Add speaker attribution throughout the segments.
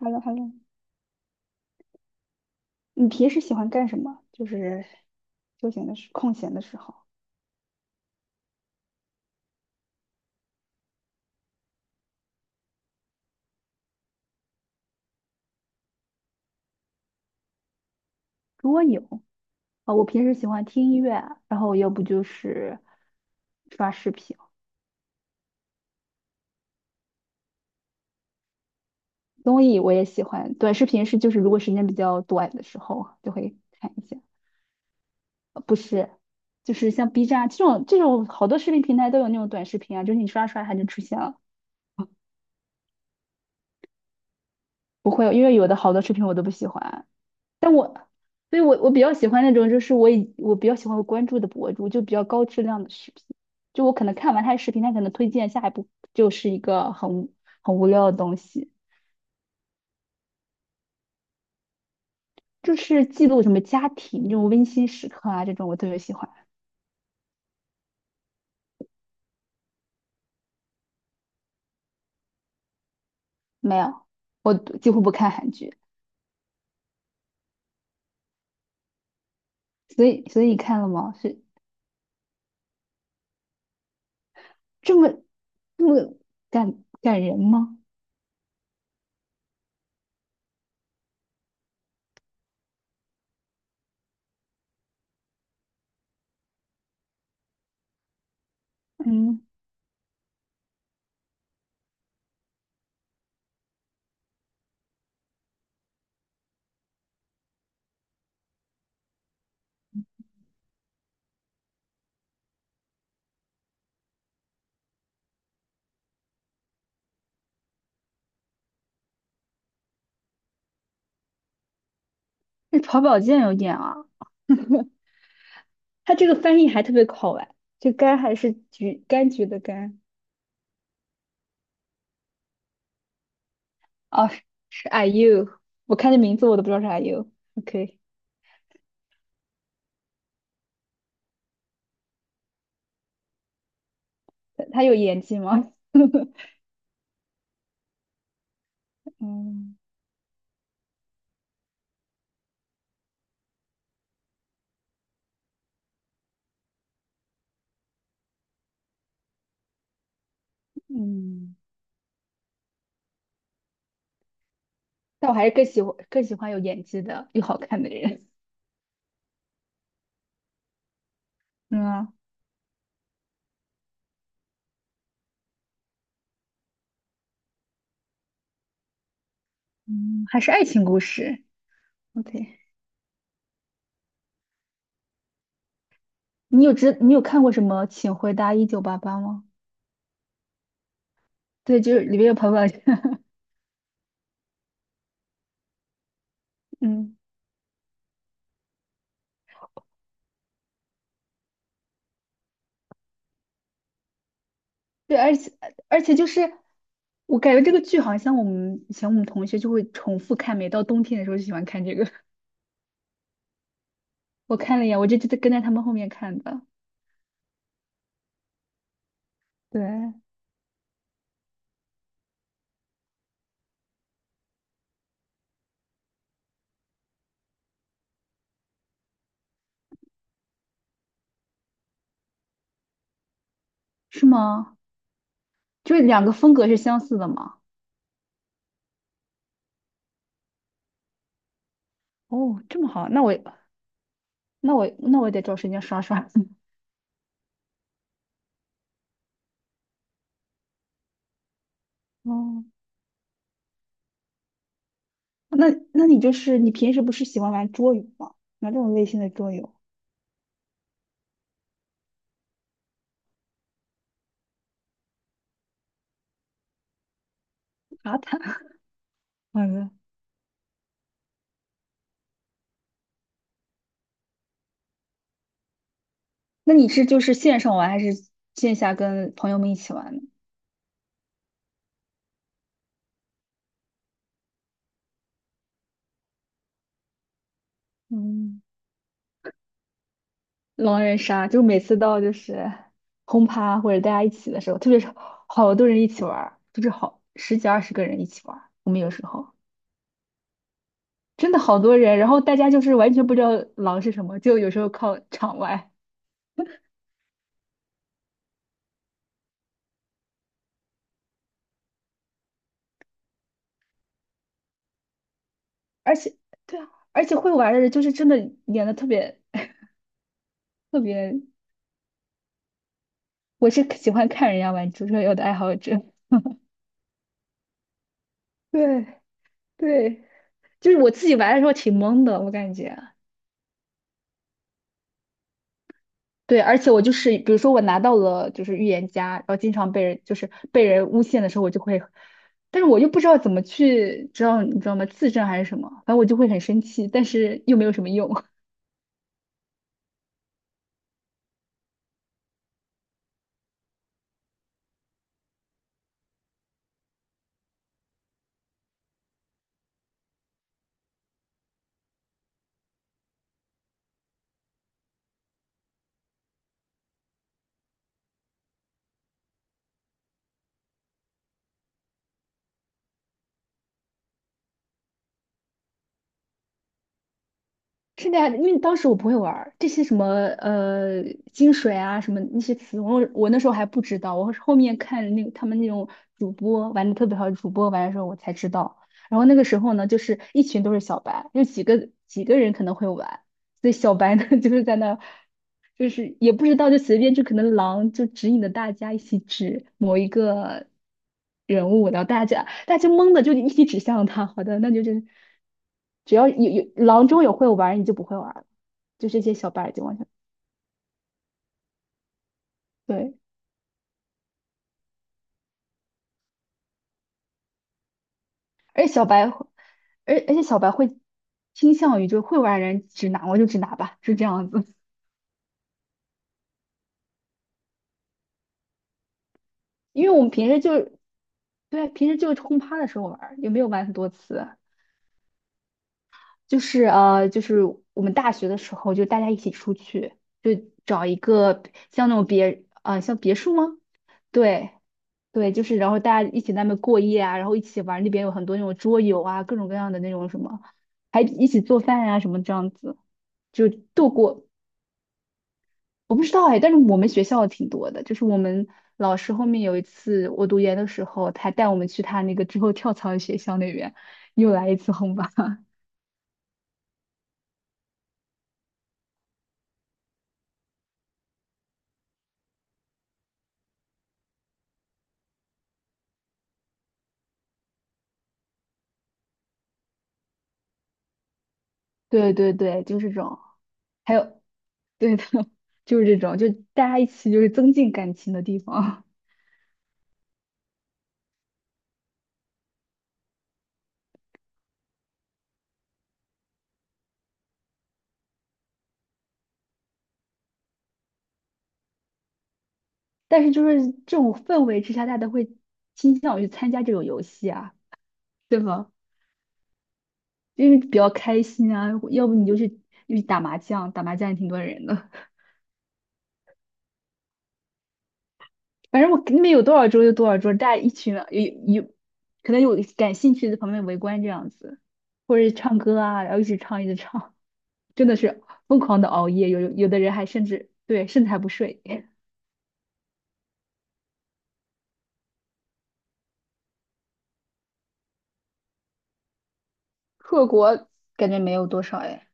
Speaker 1: h e l l o h e l l o 你平时喜欢干什么？休闲的时，空闲的时候。如果有啊，我平时喜欢听音乐啊，然后要不就是刷视频。综艺我也喜欢，短视频就是如果时间比较短的时候就会看一下。不是，就是像 B 站啊这种好多视频平台都有那种短视频啊，就是你刷刷它就出现了。不会，因为有的好多视频我都不喜欢，但我，所以我比较喜欢那种，就是我比较喜欢我关注的博主，就比较高质量的视频。就我可能看完他的视频，他可能推荐下一步就是一个很无聊的东西，就是记录什么家庭这种温馨时刻啊，这种我特别喜欢。没有，我几乎不看韩剧。所以你看了吗？是这么这么感人吗？嗯，那曹宝剑有点啊，他这个翻译还特别好玩，这柑还是橘柑橘的柑。哦，是 Are y o u 我看这名字我都不知道是 Are y o u OK。他有演技吗？嗯嗯，但我还是更喜欢有演技的又好看的人。嗯啊嗯，还是爱情故事。OK,你有看过什么《请回答1988》吗？对，就是里面有彭宝强。嗯，对，而且就是我感觉这个剧好像我们以前我们同学就会重复看，每到冬天的时候就喜欢看这个。我看了一眼，我就跟在他们后面看的。对。是吗？就是两个风格是相似的吗？哦，这么好，那我得找时间刷刷。哦，那那你就是你平时不是喜欢玩桌游吗？玩这种类型的桌游？啊，坦，好的。那你是就是线上玩还是线下跟朋友们一起玩呢？嗯，狼人杀，就每次到就是轰趴或者大家一起的时候，特别是好多人一起玩儿，就是好十几二十个人一起玩儿我们有时候。真的好多人，然后大家就是完全不知道狼是什么，就有时候靠场外。而且对啊，而且会玩的人就是真的演的特别。我是喜欢看人家玩足球有的爱好者。对对，就是我自己玩的时候挺懵的，我感觉。对，而且我就是，比如说我拿到了就是预言家，然后经常被人诬陷的时候，我就会，但是我又不知道怎么去，知道你知道吗？自证还是什么，反正我就会很生气，但是又没有什么用。是那样的，因为当时我不会玩儿这些什么金水啊什么那些词，我那时候还不知道，我是后面看那个他们那种主播玩的特别好，主播玩的时候我才知道。然后那个时候呢，就是一群都是小白，就几个人可能会玩，所以小白呢 就是在那儿就是也不知道，就随便就可能狼就指引着大家一起指某一个人物，然后大家懵的就一起指向他。好的，那就就是只要有狼中有会玩儿你就不会玩儿了。就这些小白就完全对，而且小白会而且小白会倾向于就是会玩儿的人指哪我就指哪吧，是这样子。因为我们平时就对，平时就轰趴的时候玩儿，也没有玩很多次。就是就是我们大学的时候，就大家一起出去，就找一个像那种别啊，像别墅吗？对对，就是然后大家一起在那边过夜啊，然后一起玩那边有很多那种桌游啊，各种各样的那种什么，还一起做饭啊什么这样子，就度过。我不知道哎，但是我们学校挺多的，就是我们老师后面有一次我读研的时候，他带我们去他那个之后跳槽的学校那边，又来一次轰趴。对对对，就是这种。还有 对的，就是这种，就大家一起就是增进感情的地方。但是就是这种氛围之下，大家都会倾向于参加这种游戏啊，对吧？因为比较开心啊，要不你就去打麻将，打麻将也挺多人的。反正我那边有多少桌就多少桌，大家一群人，可能有感兴趣的旁边围观这样子，或者唱歌啊，然后一直唱一直唱，真的是疯狂的熬夜，有的人还甚至甚至还不睡。克国感觉没有多少哎。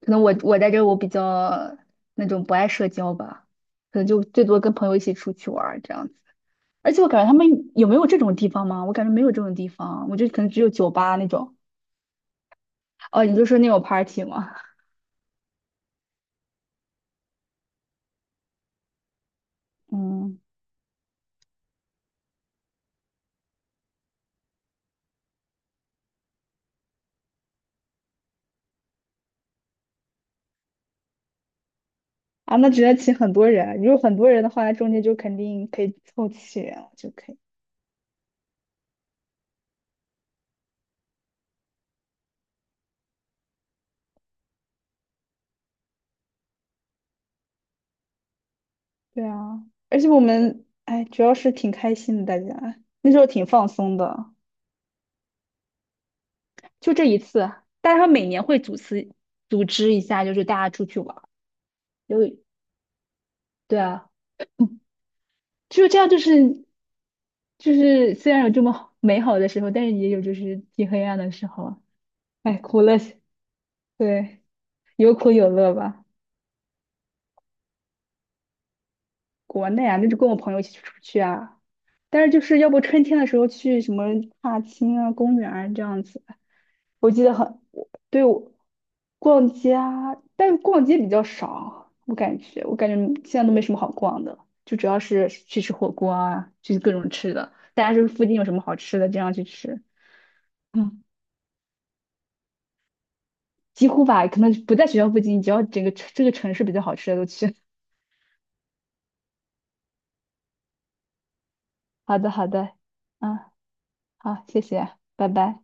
Speaker 1: 可能我在这儿我比较那种不爱社交吧，可能就最多跟朋友一起出去玩儿这样子。而且我感觉他们有没有这种地方吗？我感觉没有这种地方，我就可能只有酒吧那种。哦，你就说那种 party 吗？嗯，啊，那只能请很多人。如果很多人的话，中间就肯定可以凑齐人了就可以。对啊，而且我们哎，主要是挺开心的，大家那时候挺放松的，就这一次。但是他每年会组织一下，就是大家出去玩儿。有，对啊，嗯，就这样，就是就是虽然有这么 美好的时候，但是也有就是挺黑暗的时候啊。哎，苦乐，对，有苦有乐吧。国内啊，那就跟我朋友一起出去啊，但是就是要不春天的时候去什么踏青啊、公园啊这样子。我记得很，我对我逛街啊，但是逛街比较少，我感觉，现在都没什么好逛的，就主要是去吃火锅啊，去各种吃的，大家就是附近有什么好吃的，这样去吃。嗯，几乎吧，可能不在学校附近，只要整个这个城市比较好吃的都去。好的，好的，嗯，好，谢谢，拜拜。